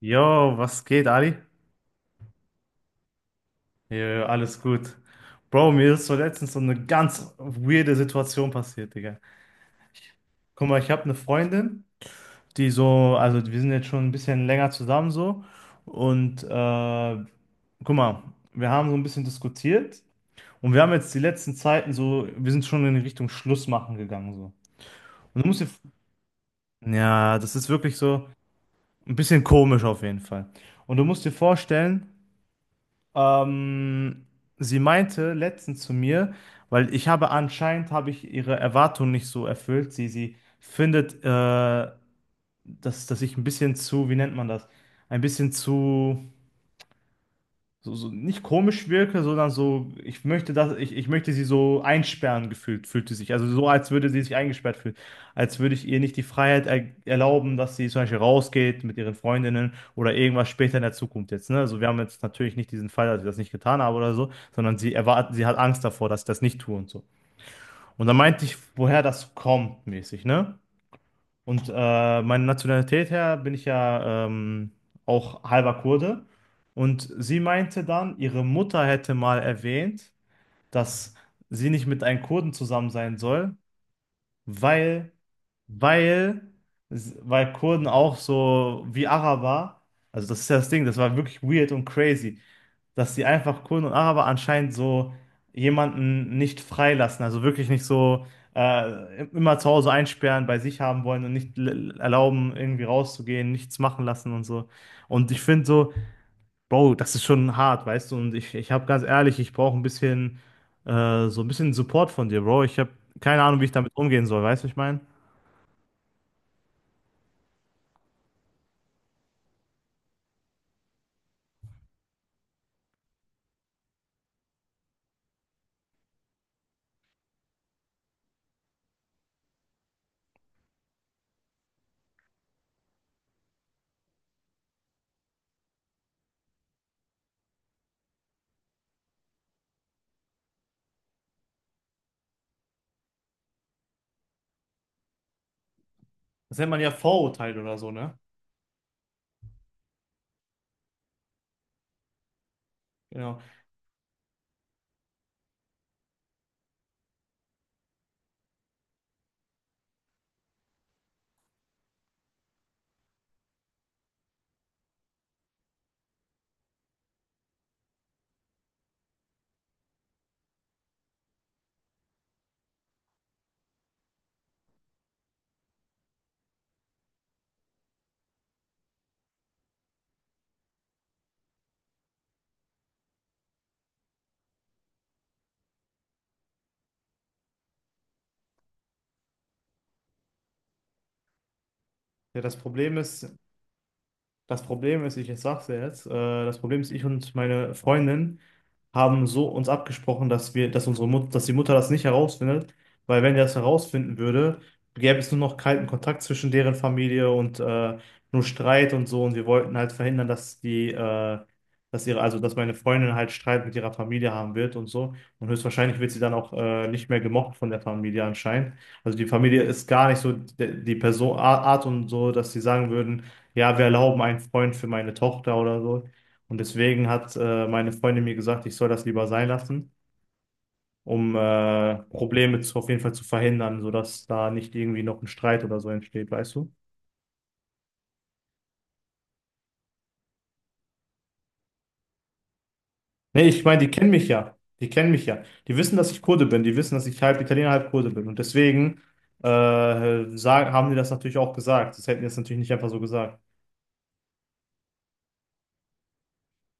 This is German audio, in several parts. Yo, was geht, Ali? Ja, alles gut. Bro, mir ist so letztens so eine ganz weirde Situation passiert, Digga. Guck mal, ich habe eine Freundin, die so, also wir sind jetzt schon ein bisschen länger zusammen so. Und äh, Guck mal, wir haben so ein bisschen diskutiert und wir haben jetzt die letzten Zeiten so, wir sind schon in die Richtung Schluss machen gegangen so. Und du musst dir, ja, das ist wirklich so ein bisschen komisch auf jeden Fall. Und du musst dir vorstellen, Ähm, sie meinte letztens zu mir, weil ich habe anscheinend habe ich ihre Erwartungen nicht so erfüllt. Sie findet, dass ich ein bisschen zu, wie nennt man das? Ein bisschen zu so, so nicht komisch wirke, sondern so, ich möchte das, ich möchte sie so einsperren gefühlt, fühlt sie sich. Also so, als würde sie sich eingesperrt fühlen. Als würde ich ihr nicht die Freiheit er erlauben, dass sie zum Beispiel rausgeht mit ihren Freundinnen oder irgendwas später in der Zukunft jetzt. Ne? Also wir haben jetzt natürlich nicht diesen Fall, dass ich das nicht getan habe oder so, sondern sie erwartet, sie hat Angst davor, dass ich das nicht tue und so. Und dann meinte ich, woher das kommt, mäßig, ne? Und meine Nationalität her bin ich ja auch halber Kurde. Und sie meinte dann, ihre Mutter hätte mal erwähnt, dass sie nicht mit einem Kurden zusammen sein soll, weil, weil, weil Kurden auch so wie Araber, also das ist ja das Ding, das war wirklich weird und crazy, dass sie einfach Kurden und Araber anscheinend so jemanden nicht freilassen, also wirklich nicht so immer zu Hause einsperren, bei sich haben wollen und nicht erlauben, irgendwie rauszugehen, nichts machen lassen und so. Und ich finde so, Bro, das ist schon hart, weißt du? Und ich habe ganz ehrlich, ich brauche ein bisschen, so ein bisschen Support von dir, Bro. Ich habe keine Ahnung, wie ich damit umgehen soll, weißt du, was ich meine? Das nennt man ja Vorurteil oder so, ne? Genau. Ja, das Problem ist. Das Problem ist, ich sag's dir jetzt, das Problem ist, ich und meine Freundin haben so uns abgesprochen, dass wir, dass die Mutter das nicht herausfindet, weil wenn die das herausfinden würde, gäbe es nur noch kalten Kontakt zwischen deren Familie und nur Streit und so. Und wir wollten halt verhindern, dass ihre, also dass meine Freundin halt Streit mit ihrer Familie haben wird und so. Und höchstwahrscheinlich wird sie dann auch nicht mehr gemocht von der Familie anscheinend. Also die Familie ist gar nicht so die, die Person, Art und so, dass sie sagen würden, ja, wir erlauben einen Freund für meine Tochter oder so. Und deswegen hat meine Freundin mir gesagt, ich soll das lieber sein lassen, um Probleme zu, auf jeden Fall zu verhindern, sodass da nicht irgendwie noch ein Streit oder so entsteht, weißt du? Nee, ich meine, die kennen mich ja. Die kennen mich ja. Die wissen, dass ich Kurde bin. Die wissen, dass ich halb Italiener, halb Kurde bin. Und deswegen haben die das natürlich auch gesagt. Das hätten die das natürlich nicht einfach so gesagt.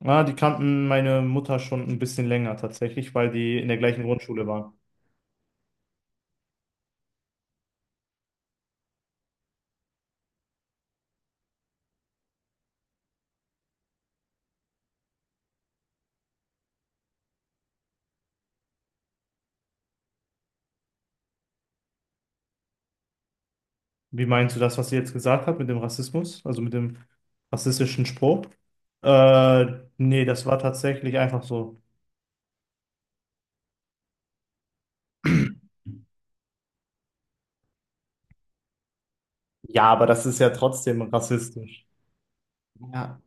Na, die kannten meine Mutter schon ein bisschen länger tatsächlich, weil die in der gleichen Grundschule waren. Wie meinst du das, was sie jetzt gesagt hat mit dem Rassismus, also mit dem rassistischen Spruch? Äh, Nee, das war tatsächlich einfach so. Ja, aber das ist ja trotzdem rassistisch. Ja,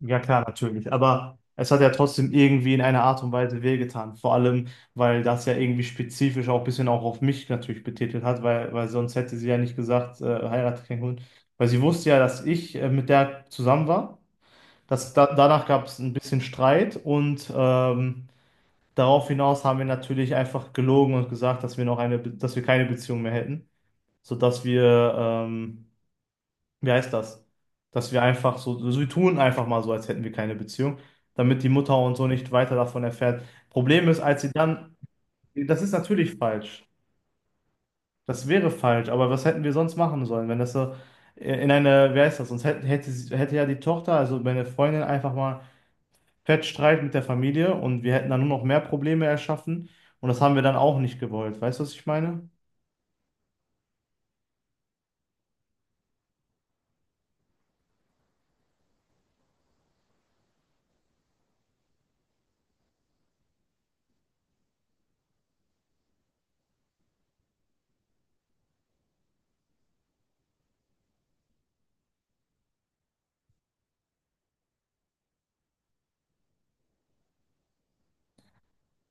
ja klar, natürlich. Aber es hat ja trotzdem irgendwie in einer Art und Weise wehgetan. Vor allem, weil das ja irgendwie spezifisch auch ein bisschen auch auf mich natürlich betitelt hat, weil sonst hätte sie ja nicht gesagt, heirate keinen Hund. Weil sie wusste ja, dass ich mit der zusammen war. Danach gab es ein bisschen Streit und darauf hinaus haben wir natürlich einfach gelogen und gesagt, dass wir noch eine, Be- dass wir keine Beziehung mehr hätten, sodass wir, wie heißt das? Dass wir einfach so, so, wir tun einfach mal so, als hätten wir keine Beziehung, damit die Mutter und so nicht weiter davon erfährt. Problem ist, als sie dann, das ist natürlich falsch, das wäre falsch, aber was hätten wir sonst machen sollen, wenn das so in eine, wie heißt das? Sonst hätte ja die Tochter, also meine Freundin einfach mal Fettstreit mit der Familie und wir hätten dann nur noch mehr Probleme erschaffen und das haben wir dann auch nicht gewollt. Weißt du, was ich meine?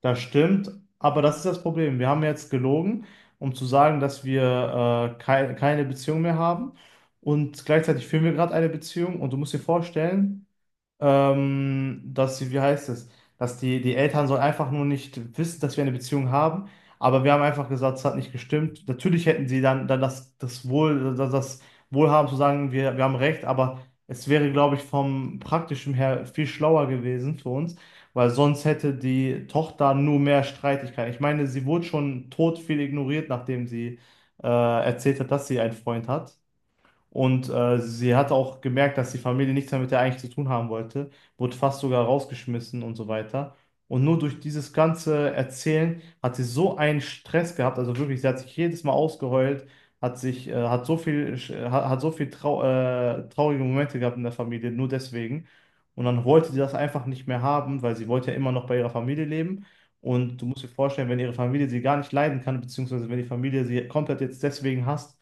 Das stimmt, aber das ist das Problem. Wir haben jetzt gelogen, um zu sagen, dass wir keine Beziehung mehr haben und gleichzeitig führen wir gerade eine Beziehung und du musst dir vorstellen, dass sie, wie heißt es, dass die Eltern sollen einfach nur nicht wissen, dass wir eine Beziehung haben, aber wir haben einfach gesagt, es hat nicht gestimmt. Natürlich hätten sie dann, das Wohlhaben zu sagen, wir haben recht, aber es wäre, glaube ich, vom Praktischen her viel schlauer gewesen für uns, weil sonst hätte die Tochter nur mehr Streitigkeiten. Ich meine, sie wurde schon tot viel ignoriert, nachdem sie erzählt hat, dass sie einen Freund hat. Und sie hat auch gemerkt, dass die Familie nichts mehr mit ihr eigentlich zu tun haben wollte, wurde fast sogar rausgeschmissen und so weiter. Und nur durch dieses ganze Erzählen hat sie so einen Stress gehabt, also wirklich, sie hat sich jedes Mal ausgeheult, hat so viel, hat so viel traurige Momente gehabt in der Familie, nur deswegen. Und dann wollte sie das einfach nicht mehr haben, weil sie wollte ja immer noch bei ihrer Familie leben. Und du musst dir vorstellen, wenn ihre Familie sie gar nicht leiden kann, beziehungsweise wenn die Familie sie komplett jetzt deswegen hasst,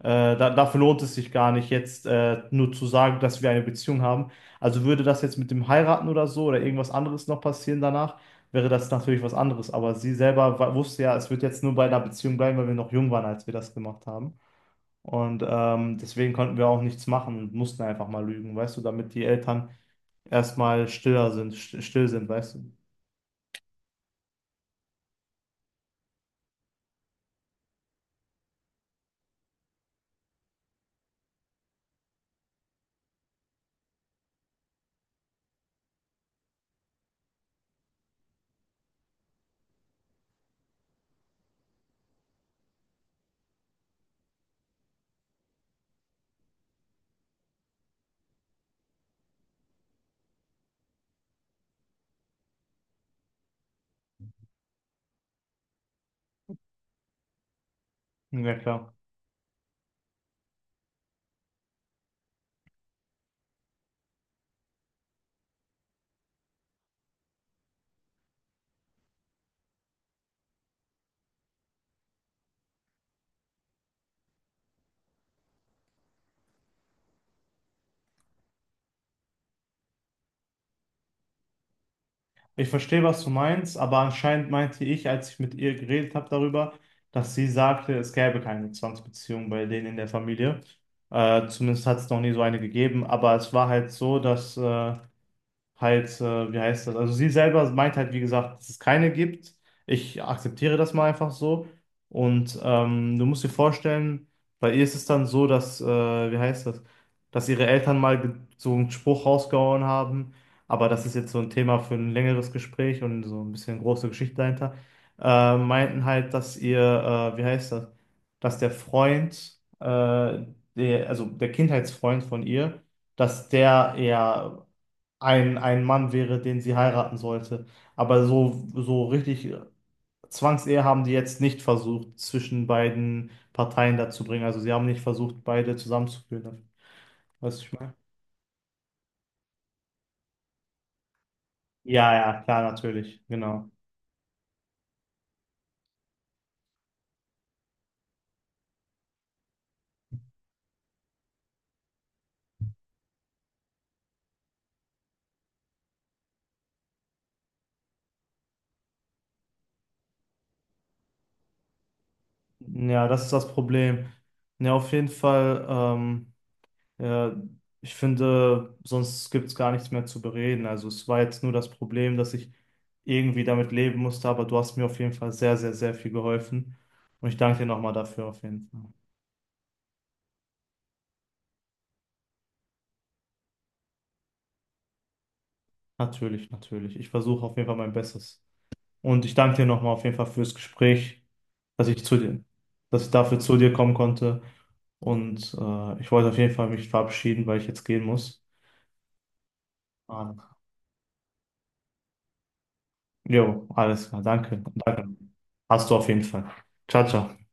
dafür lohnt es sich gar nicht, jetzt nur zu sagen, dass wir eine Beziehung haben. Also würde das jetzt mit dem Heiraten oder so oder irgendwas anderes noch passieren danach, wäre das natürlich was anderes. Aber sie selber wusste ja, es wird jetzt nur bei einer Beziehung bleiben, weil wir noch jung waren, als wir das gemacht haben. Und deswegen konnten wir auch nichts machen und mussten einfach mal lügen, weißt du, damit die Eltern erstmal stiller sind, still sind, weißt du. Ja, klar. Ich verstehe, was du meinst, aber anscheinend meinte ich, als ich mit ihr geredet habe darüber, dass sie sagte, es gäbe keine Zwangsbeziehung bei denen in der Familie. Zumindest hat es noch nie so eine gegeben, aber es war halt so, wie heißt das? Also sie selber meint halt, wie gesagt, dass es keine gibt. Ich akzeptiere das mal einfach so. Und du musst dir vorstellen, bei ihr ist es dann so, wie heißt das, dass ihre Eltern mal so einen Spruch rausgehauen haben. Aber das ist jetzt so ein Thema für ein längeres Gespräch und so ein bisschen große Geschichte dahinter. Meinten halt, wie heißt das, dass der Freund, also der Kindheitsfreund von ihr, dass der eher ein Mann wäre, den sie heiraten sollte. Aber so, so richtig Zwangsehe haben die jetzt nicht versucht, zwischen beiden Parteien dazu bringen. Also sie haben nicht versucht, beide zusammenzuführen. Weißt du, was ich meine? Ja, ja, klar, natürlich, genau. Ja, das ist das Problem. Ja, auf jeden Fall, ja, ich finde, sonst gibt es gar nichts mehr zu bereden. Also es war jetzt nur das Problem, dass ich irgendwie damit leben musste, aber du hast mir auf jeden Fall sehr, sehr, sehr viel geholfen. Und ich danke dir nochmal dafür auf jeden Fall. Natürlich, natürlich. Ich versuche auf jeden Fall mein Bestes. Und ich danke dir nochmal auf jeden Fall fürs Gespräch, dass ich zu dir, dass ich dafür zu dir kommen konnte. Und ich wollte auf jeden Fall mich verabschieden, weil ich jetzt gehen muss. Ah, jo, alles klar. Danke. Danke. Hast du auf jeden Fall. Ciao, ciao.